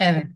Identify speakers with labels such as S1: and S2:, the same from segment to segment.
S1: Evet,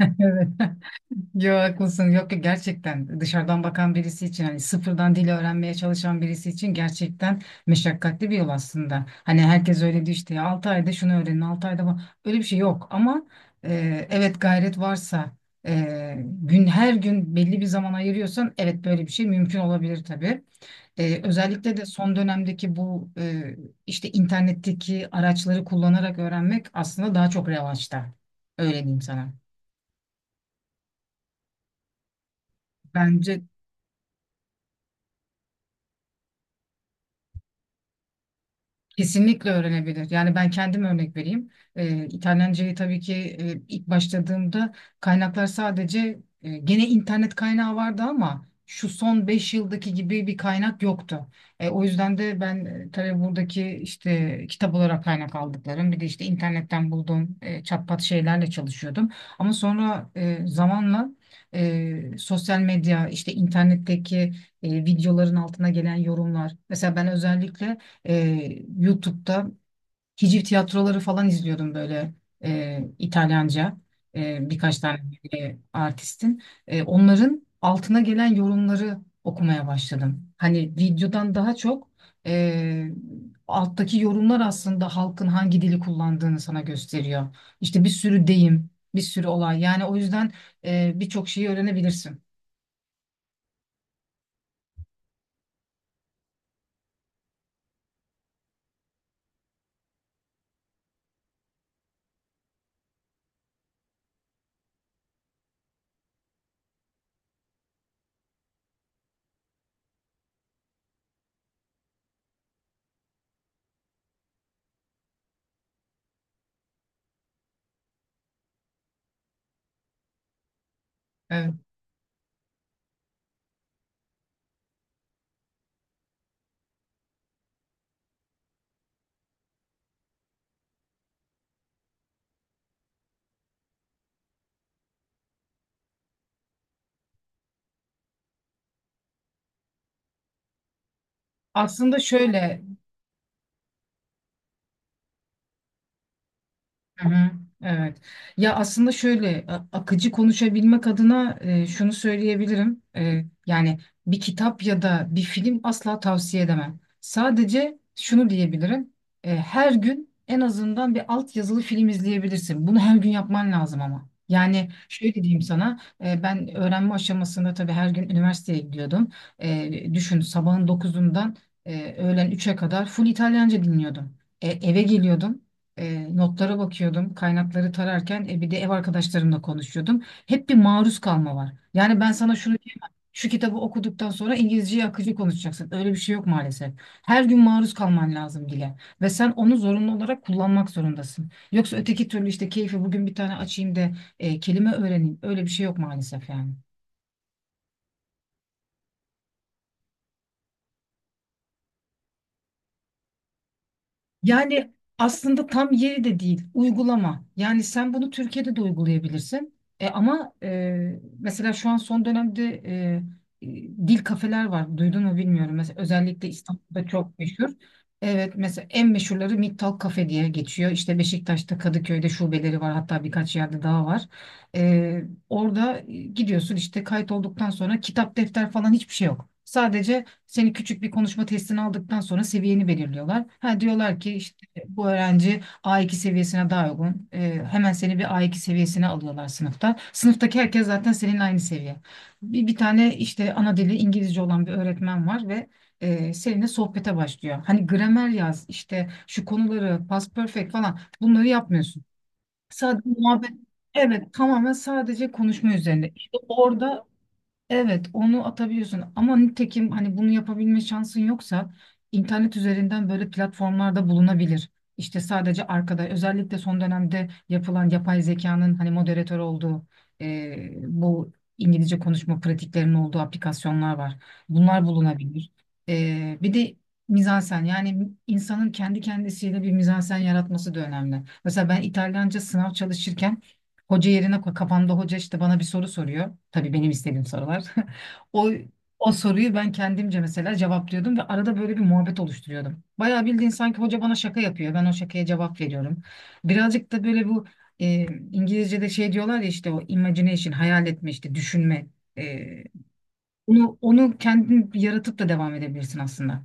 S1: evet. Yo haklısın. Yok ki gerçekten dışarıdan bakan birisi için hani sıfırdan dil öğrenmeye çalışan birisi için gerçekten meşakkatli bir yol aslında. Hani herkes öyle diyor işte ya 6 ayda şunu öğrenin, 6 ayda bu. Öyle bir şey yok ama evet gayret varsa gün her gün belli bir zaman ayırıyorsan evet böyle bir şey mümkün olabilir tabii. Özellikle de son dönemdeki bu işte internetteki araçları kullanarak öğrenmek aslında daha çok revaçta. Öyle diyeyim sana. Bence kesinlikle öğrenebilir. Yani ben kendim örnek vereyim. İtalyancayı tabii ki ilk başladığımda kaynaklar sadece gene internet kaynağı vardı ama şu son 5 yıldaki gibi bir kaynak yoktu. O yüzden de ben tabii buradaki işte kitap olarak kaynak aldıklarım bir de işte internetten bulduğum çatpat şeylerle çalışıyordum. Ama sonra zamanla sosyal medya işte internetteki videoların altına gelen yorumlar. Mesela ben özellikle ee, YouTube'da hiciv tiyatroları falan izliyordum böyle İtalyanca birkaç tane artistin. Onların altına gelen yorumları okumaya başladım. Hani videodan daha çok e, alttaki yorumlar aslında halkın hangi dili kullandığını sana gösteriyor. İşte bir sürü deyim, bir sürü olay. Yani o yüzden birçok şeyi öğrenebilirsin. Evet. Aslında şöyle, hı hı, evet. Ya aslında şöyle akıcı konuşabilmek adına şunu söyleyebilirim. Yani bir kitap ya da bir film asla tavsiye edemem. Sadece şunu diyebilirim. Her gün en azından bir altyazılı film izleyebilirsin. Bunu her gün yapman lazım ama. Yani şöyle diyeyim sana. Ben öğrenme aşamasında tabii her gün üniversiteye gidiyordum. Düşün sabahın dokuzundan öğlen üçe kadar full İtalyanca dinliyordum. Eve geliyordum. Notlara bakıyordum, kaynakları tararken bir de ev arkadaşlarımla konuşuyordum. Hep bir maruz kalma var. Yani ben sana şunu, şu kitabı okuduktan sonra İngilizceyi akıcı konuşacaksın. Öyle bir şey yok maalesef. Her gün maruz kalman lazım dile ve sen onu zorunlu olarak kullanmak zorundasın. Yoksa öteki türlü işte keyfi bugün bir tane açayım da kelime öğreneyim. Öyle bir şey yok maalesef yani. Yani aslında tam yeri de değil, uygulama. Yani sen bunu Türkiye'de de uygulayabilirsin. E, ama e, mesela şu an son dönemde e, e, dil kafeler var. Duydun mu bilmiyorum. Mesela özellikle İstanbul'da çok meşhur. Evet, mesela en meşhurları Mittal Kafe diye geçiyor. İşte Beşiktaş'ta, Kadıköy'de şubeleri var. Hatta birkaç yerde daha var. E, Orada gidiyorsun işte kayıt olduktan sonra kitap, defter falan hiçbir şey yok. Sadece seni küçük bir konuşma testini aldıktan sonra seviyeni belirliyorlar. Ha diyorlar ki işte bu öğrenci A2 seviyesine daha uygun. Hemen seni bir A2 seviyesine alıyorlar sınıfta. Sınıftaki herkes zaten senin aynı seviye. Bir tane işte ana dili İngilizce olan bir öğretmen var ve seninle sohbete başlıyor. Hani gramer yaz, işte şu konuları, past perfect falan bunları yapmıyorsun. Sadece muhabbet, evet tamamen sadece konuşma üzerine. İşte orada evet, onu atabiliyorsun ama nitekim hani bunu yapabilme şansın yoksa internet üzerinden böyle platformlarda bulunabilir. İşte sadece arkada özellikle son dönemde yapılan yapay zekanın hani moderatör olduğu bu İngilizce konuşma pratiklerinin olduğu aplikasyonlar var. Bunlar bulunabilir. Bir de mizansen yani insanın kendi kendisiyle bir mizansen yaratması da önemli. Mesela ben İtalyanca sınav çalışırken hoca yerine koy. Kafamda hoca işte bana bir soru soruyor. Tabii benim istediğim sorular. O o soruyu ben kendimce mesela cevaplıyordum ve arada böyle bir muhabbet oluşturuyordum. Bayağı bildiğin sanki hoca bana şaka yapıyor. Ben o şakaya cevap veriyorum. Birazcık da böyle bu e, İngilizce'de şey diyorlar ya işte o imagination, hayal etme işte düşünme. Onu kendin yaratıp da devam edebilirsin aslında.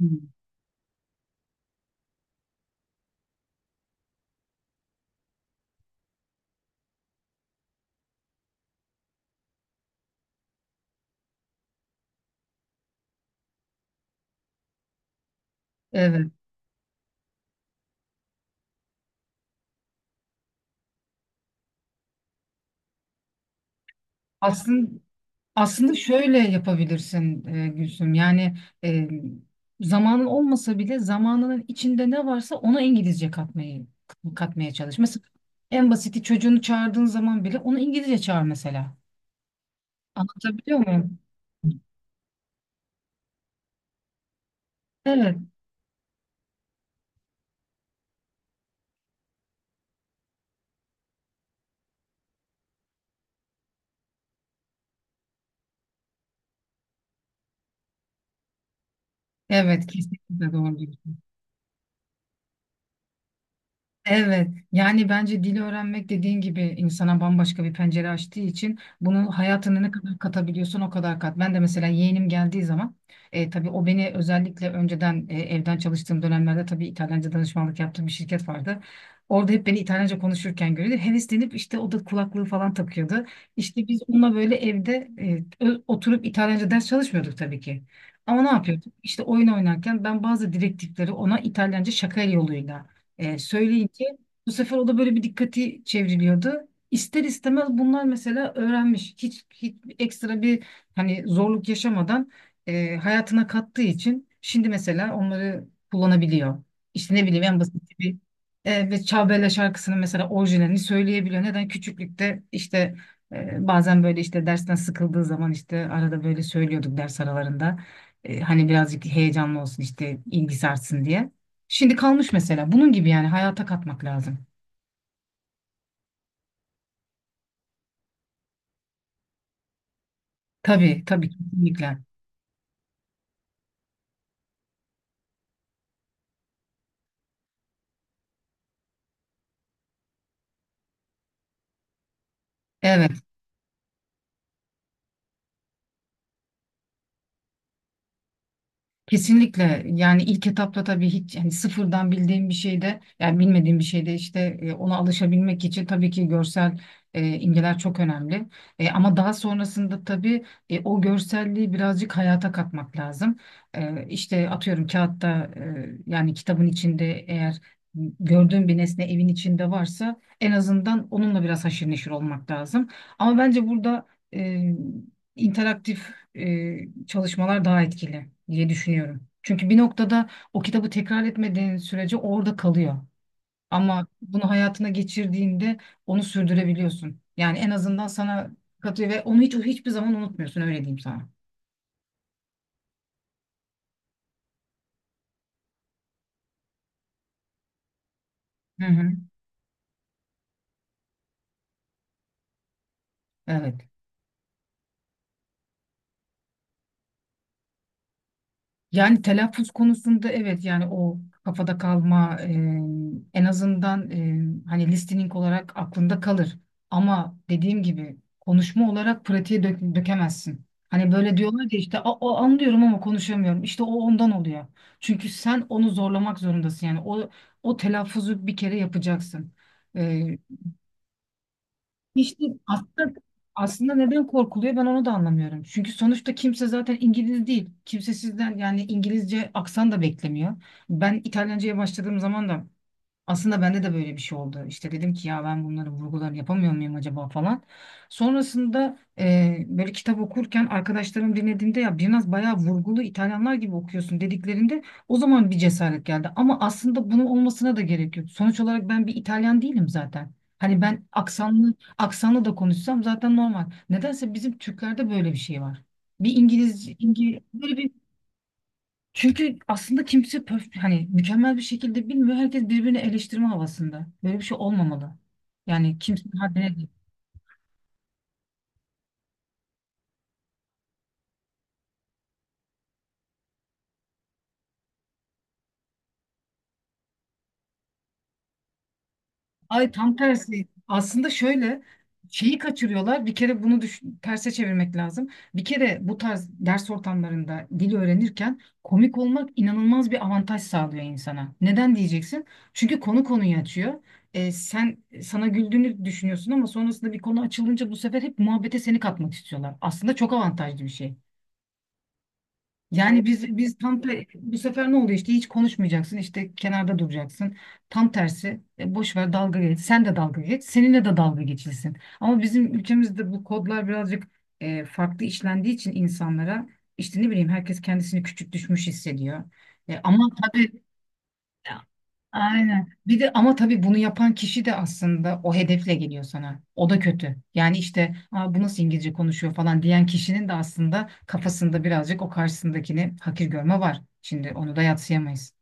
S1: Hmm. Evet. Aslında Aslında şöyle yapabilirsin Gülsüm. Yani e, zamanın olmasa bile zamanının içinde ne varsa ona İngilizce katmayı katmaya çalış. Mesela en basiti çocuğunu çağırdığın zaman bile onu İngilizce çağır mesela. Anlatabiliyor muyum? Evet. Evet, kesinlikle doğru diyorsun. Evet, yani bence dil öğrenmek dediğin gibi insana bambaşka bir pencere açtığı için bunu hayatına ne kadar katabiliyorsan o kadar kat. Ben de mesela yeğenim geldiği zaman tabii o beni özellikle önceden evden çalıştığım dönemlerde tabii İtalyanca danışmanlık yaptığım bir şirket vardı. Orada hep beni İtalyanca konuşurken görüyordu. Heveslenip işte o da kulaklığı falan takıyordu. İşte biz onunla böyle evde oturup İtalyanca ders çalışmıyorduk tabii ki. Ama ne yapıyorduk? İşte oyun oynarken ben bazı direktifleri ona İtalyanca şaka yoluyla söyleyince bu sefer o da böyle bir dikkati çevriliyordu. İster istemez bunlar mesela öğrenmiş. Hiç ekstra bir hani zorluk yaşamadan hayatına kattığı için şimdi mesela onları kullanabiliyor. İşte ne bileyim en basit bir ve Çağbele şarkısının mesela orijinalini söyleyebiliyor. Neden? Küçüklükte işte bazen böyle işte dersten sıkıldığı zaman işte arada böyle söylüyorduk ders aralarında. Hani birazcık heyecanlı olsun işte ilgisi artsın diye. Şimdi kalmış mesela. Bunun gibi yani hayata katmak lazım. Tabii, tabii kesinlikle. Evet. Kesinlikle yani ilk etapta tabii hiç yani sıfırdan bildiğim bir şeyde yani bilmediğim bir şeyde işte ona alışabilmek için tabii ki görsel imgeler çok önemli. Ama daha sonrasında tabii o görselliği birazcık hayata katmak lazım. İşte atıyorum kağıtta yani kitabın içinde eğer gördüğüm bir nesne evin içinde varsa en azından onunla biraz haşır neşir olmak lazım. Ama bence burada e, interaktif çalışmalar daha etkili diye düşünüyorum. Çünkü bir noktada o kitabı tekrar etmediğin sürece orada kalıyor. Ama bunu hayatına geçirdiğinde onu sürdürebiliyorsun. Yani en azından sana katıyor ve onu hiç hiçbir zaman unutmuyorsun öyle diyeyim sana. Hı hı. Evet. Yani telaffuz konusunda evet yani o kafada kalma, en azından hani listening olarak aklında kalır. Ama dediğim gibi konuşma olarak pratiğe dökemezsin. Hani böyle diyorlar ki işte "A- o, anlıyorum ama konuşamıyorum." İşte o ondan oluyor. Çünkü sen onu zorlamak zorundasın. Yani o telaffuzu bir kere yapacaksın. İşte aslında neden korkuluyor ben onu da anlamıyorum. Çünkü sonuçta kimse zaten İngiliz değil. Kimse sizden yani İngilizce aksan da beklemiyor. Ben İtalyanca'ya başladığım zaman da aslında bende de böyle bir şey oldu. İşte dedim ki ya ben bunları vurgularını yapamıyor muyum acaba falan. Sonrasında böyle kitap okurken arkadaşlarım dinlediğinde ya biraz bayağı vurgulu İtalyanlar gibi okuyorsun dediklerinde o zaman bir cesaret geldi. Ama aslında bunun olmasına da gerek yok. Sonuç olarak ben bir İtalyan değilim zaten. Hani ben aksanlı aksanlı da konuşsam zaten normal. Nedense bizim Türklerde böyle bir şey var. Bir İngiliz, İngiliz böyle, çünkü aslında kimse pöf, hani mükemmel bir şekilde bilmiyor. Herkes birbirini eleştirme havasında. Böyle bir şey olmamalı. Yani kimsenin haddine değil. Ay tam tersi. Aslında şöyle şeyi kaçırıyorlar. Bir kere bunu terse çevirmek lazım. Bir kere bu tarz ders ortamlarında dil öğrenirken komik olmak inanılmaz bir avantaj sağlıyor insana. Neden diyeceksin? Çünkü konu konuyu açıyor. Sen sana güldüğünü düşünüyorsun ama sonrasında bir konu açılınca bu sefer hep muhabbete seni katmak istiyorlar. Aslında çok avantajlı bir şey. Yani biz tam bu sefer ne oldu işte hiç konuşmayacaksın işte kenarda duracaksın. Tam tersi boş ver dalga geç. Sen de dalga geç. Seninle de dalga geçilsin. Ama bizim ülkemizde bu kodlar birazcık farklı işlendiği için insanlara işte ne bileyim herkes kendisini küçük düşmüş hissediyor. Ama tabii aynen. Bir de ama tabii bunu yapan kişi de aslında o hedefle geliyor sana. O da kötü. Yani işte aa, bu nasıl İngilizce konuşuyor falan diyen kişinin de aslında kafasında birazcık o karşısındakini hakir görme var. Şimdi onu da yadsıyamayız.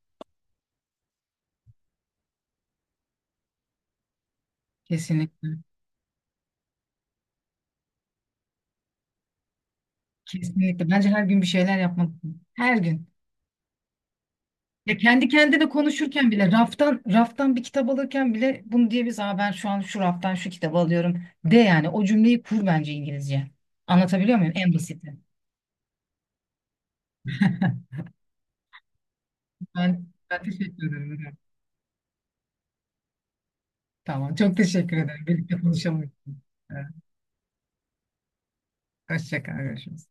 S1: Kesinlikle. Kesinlikle. Bence her gün bir şeyler yapmalısın. Her gün. Ya kendi kendine konuşurken bile raftan raftan bir kitap alırken bile bunu diyebiliriz. Aa ben şu an şu raftan şu kitabı alıyorum de yani o cümleyi kur bence İngilizce. Anlatabiliyor muyum? En basiti. Ben teşekkür ederim. Tamam. Çok teşekkür ederim. Birlikte konuşalım. Evet, hoşça kal. Görüşürüz.